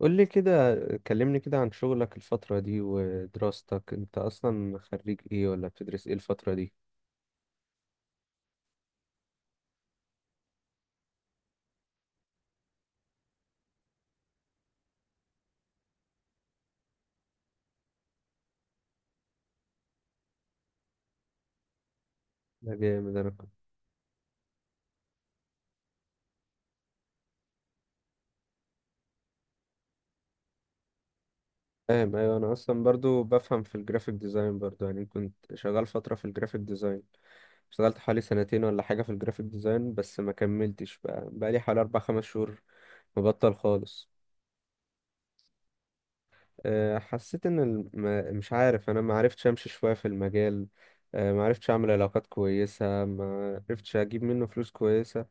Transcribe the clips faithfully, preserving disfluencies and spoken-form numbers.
قول لي كده، كلمني كده عن شغلك الفترة دي ودراستك. انت اصلا خريج ايه ولا بتدرس ايه الفترة دي؟ ده جامد. انا كنت فاهم، ايوه. انا اصلا برضو بفهم في الجرافيك ديزاين برضو، يعني كنت شغال فترة في الجرافيك ديزاين. اشتغلت حوالي سنتين ولا حاجة في الجرافيك ديزاين بس ما كملتش، بقى بقالي حوالي اربع خمس شهور مبطل خالص. أه، حسيت ان الم... ما- مش عارف، انا ما عرفتش امشي شوية في المجال. أه، ما عرفتش اعمل علاقات كويسة، ما عرفتش اجيب منه فلوس كويسة.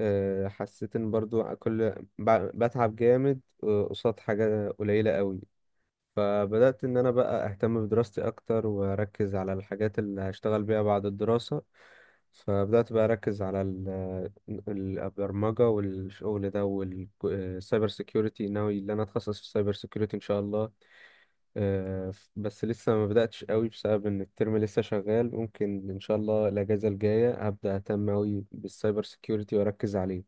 آه، حسيت ان برضو كل ب- بتعب جامد آه، قصاد حاجة قليلة قوي. فبدأت ان انا بقى اهتم بدراستي اكتر واركز على الحاجات اللي هشتغل بيها بعد الدراسة. فبدأت بقى اركز على ال- البرمجة والشغل ده والسايبر سيكيورتي. ناوي ان انا اتخصص في السايبر سيكيورتي ان شاء الله. آه، ف- بس لسه ما بدأتش قوي بسبب ان الترم لسه شغال. ممكن ان شاء الله الاجازة الجاية هبدأ اهتم قوي بالسايبر سيكيورتي واركز عليه.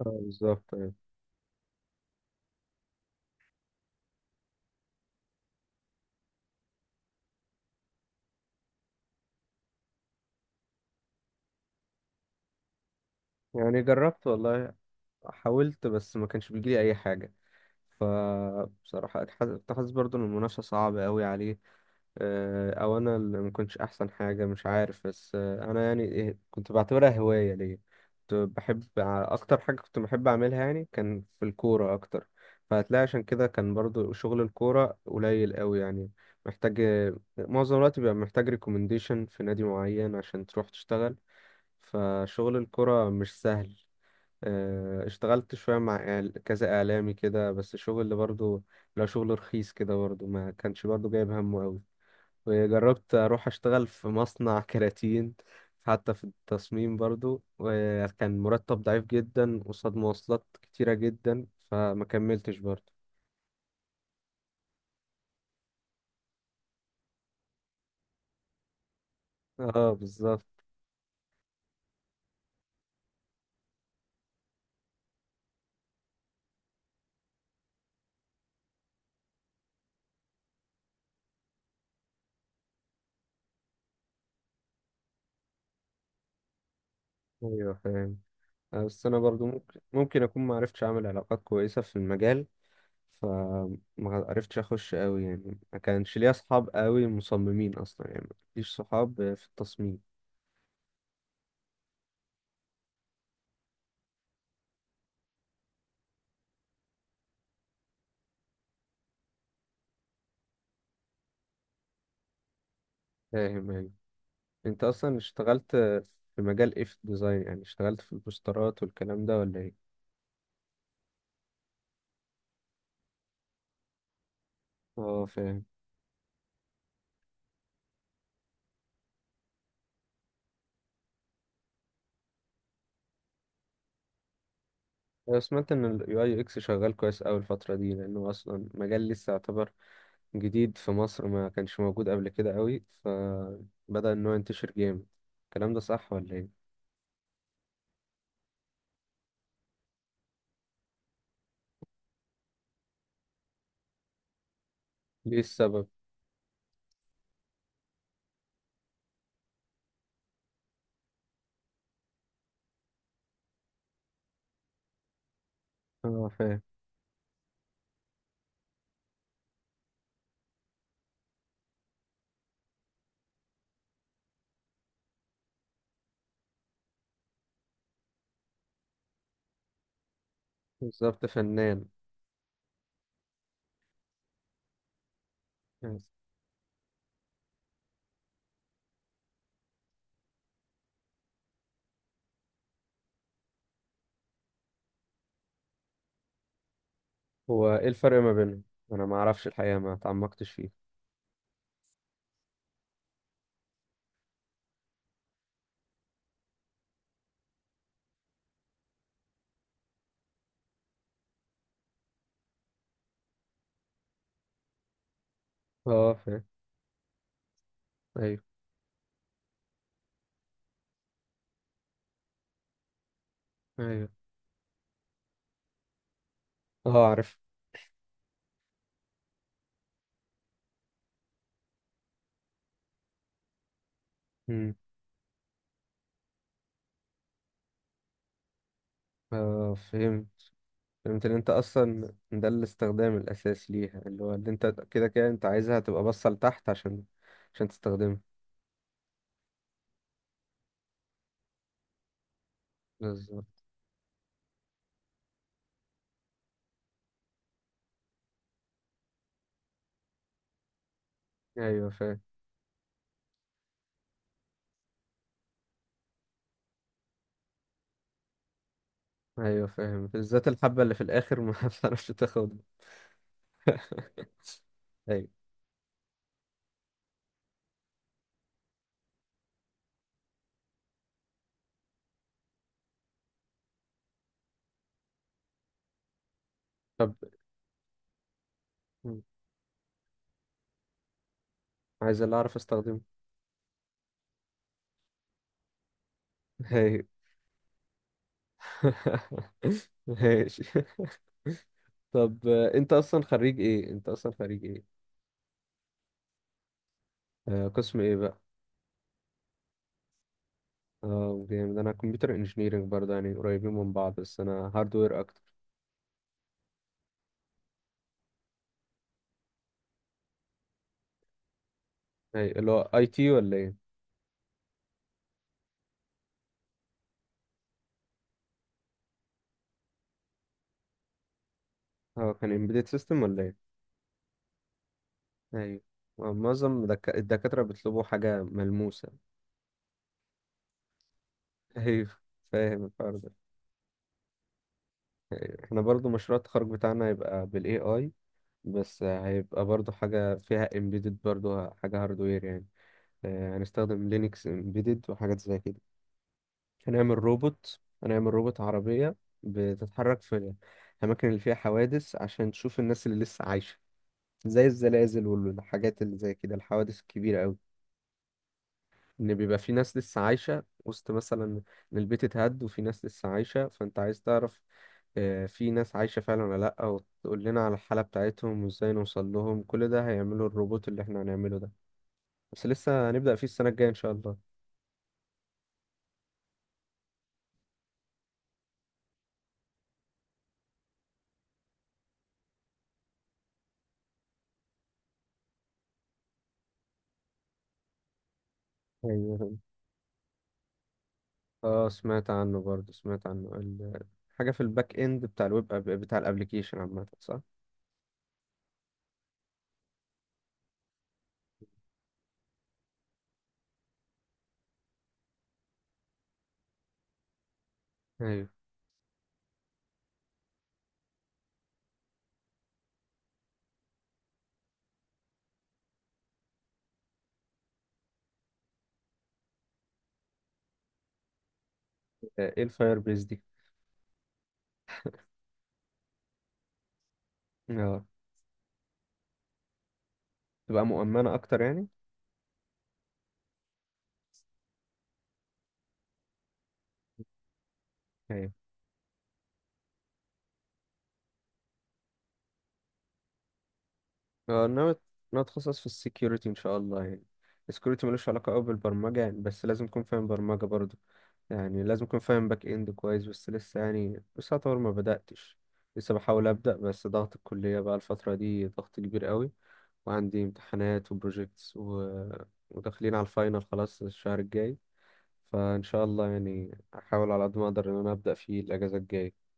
اه بالظبط، أيوة. يعني جربت والله، حاولت بس ما كانش بيجيلي اي حاجه. فبصراحه اتحس- كنت حاسس برضو ان المنافسه صعبه قوي عليه. آه، او انا اللي ما كنتش احسن حاجه، مش عارف، بس آه، انا يعني إيه، كنت بعتبرها هوايه ليا. كنت بحب ع- اكتر حاجه كنت بحب اعملها يعني كان في الكوره اكتر. فهتلاقي عشان كده كان برضو شغل الكوره قليل قوي يعني. محتاج، معظم الوقت بيبقى محتاج ريكومنديشن في نادي معين عشان تروح تشتغل. فشغل الكرة مش سهل. آه، اشتغلت شوية مع إعل- كذا إعلامي كده، بس شغل اللي برضه لو شغل رخيص كده برضه ما كانش برضه جايب همه أوي. وجربت أروح أشتغل في مصنع كراتين حتى في التصميم برضه، وكان مرتب ضعيف جدا قصاد مواصلات كتيرة جدا فما كملتش برضه. اه بالظبط. ايوه فاهم. آه، بس انا برضو ممكن ممكن اكون ما عرفتش اعمل علاقات كويسه في المجال. فما عرفتش اخش قوي يعني، ما كانش ليا اصحاب قوي مصممين اصلا، يعني مفيش صحاب في التصميم. فاهم يعني. انت اصلا اشتغلت في مجال ايه في الديزاين؟ يعني اشتغلت في البوسترات والكلام ده ولا ايه؟ اه فاهم. انا سمعت ان اليو اي اكس شغال كويس قوي الفتره دي لانه اصلا مجال لسه يعتبر جديد في مصر، ما كانش موجود قبل كده قوي فبدأ ان هو ينتشر جامد. الكلام ده صح ولا ايه؟ ليه السبب؟ اه فاهم بالظبط، فنان. هو ايه الفرق ما بينهم؟ انا ما اعرفش الحقيقه، ما تعمقتش فيه. اه فاهم. ايوه. ايوه. اه عارف. امم. اه فهمت. فهمت ان انت اصلا ده الاستخدام الاساسي ليها اللي هو اللي انت كده كده انت عايزها تبقى باصه لتحت عشان عشان تستخدمها. بالظبط. ايوه فاهم. ايوه فاهم بالذات الحبه اللي في الاخر ما بتعرفش تاخدها. ايوه. طب مم. عايز اللي اعرف استخدمه. ايوه. ماشي. طب آه، انت اصلا خريج ايه؟ انت اصلا خريج ايه؟ آه، قسم ايه بقى؟ اه جامد. انا كمبيوتر انجينيرنج برضه، يعني قريبين من بعض بس انا هاردوير اكتر. اي اللي هو اي تي ولا ايه؟ اه كان امبيدد سيستم ولا ايه؟ ايوه. آه، معظم دك- الدكاترة بيطلبوا حاجة ملموسة. ايوه، فاهم الحوار ده. احنا برضه مشروع التخرج بتاعنا هيبقى بالاي اي، بس آه، هيبقى برضه حاجة فيها امبيدد، برضه حاجة هاردوير يعني. آه، هنستخدم لينكس امبيدد وحاجات زي كده. هنعمل روبوت هنعمل روبوت عربية بتتحرك في الأماكن اللي فيها حوادث عشان تشوف الناس اللي لسه عايشة زي الزلازل والحاجات اللي زي كده، الحوادث الكبيرة أوي. إن بيبقى في ناس لسه عايشة وسط، مثلا إن البيت اتهد وفي ناس لسه عايشة، فأنت عايز تعرف آه، في ناس عايشة فعلا ولا لأ، وتقول لنا على الحالة بتاعتهم وإزاي نوصل لهم. كل ده هيعمله الروبوت اللي إحنا هنعمله ده. بس لسه هنبدأ فيه السنة الجاية إن شاء الله. أيوة. اه سمعت عنه برضه، سمعت عنه ال- حاجة في الباك اند بتاع الويب أب- بتاع الابليكيشن عامة، صح؟ ايوه. آه، ايه الفاير بيس دي؟ اه، تبقى مؤمنة اكتر يعني؟ ايوه. اه ناوي. ناوي اتخصص في السكيورتي ان شاء الله يعني. السكيورتي ملوش علاقة قوي بالبرمجة يعني، بس لازم اكون فاهم برمجة برضه. يعني لازم اكون فاهم باك اند كويس، بس لسه يعني لسه اطور، ما بدأتش. لسه بحاول أبدأ بس ضغط الكلية بقى الفترة دي ضغط كبير قوي، وعندي امتحانات وبروجيكتس و... وداخلين على الفاينل خلاص الشهر الجاي. فإن شاء الله يعني أحاول على قد ما أقدر إن أنا أبدأ فيه الأجازة الجاية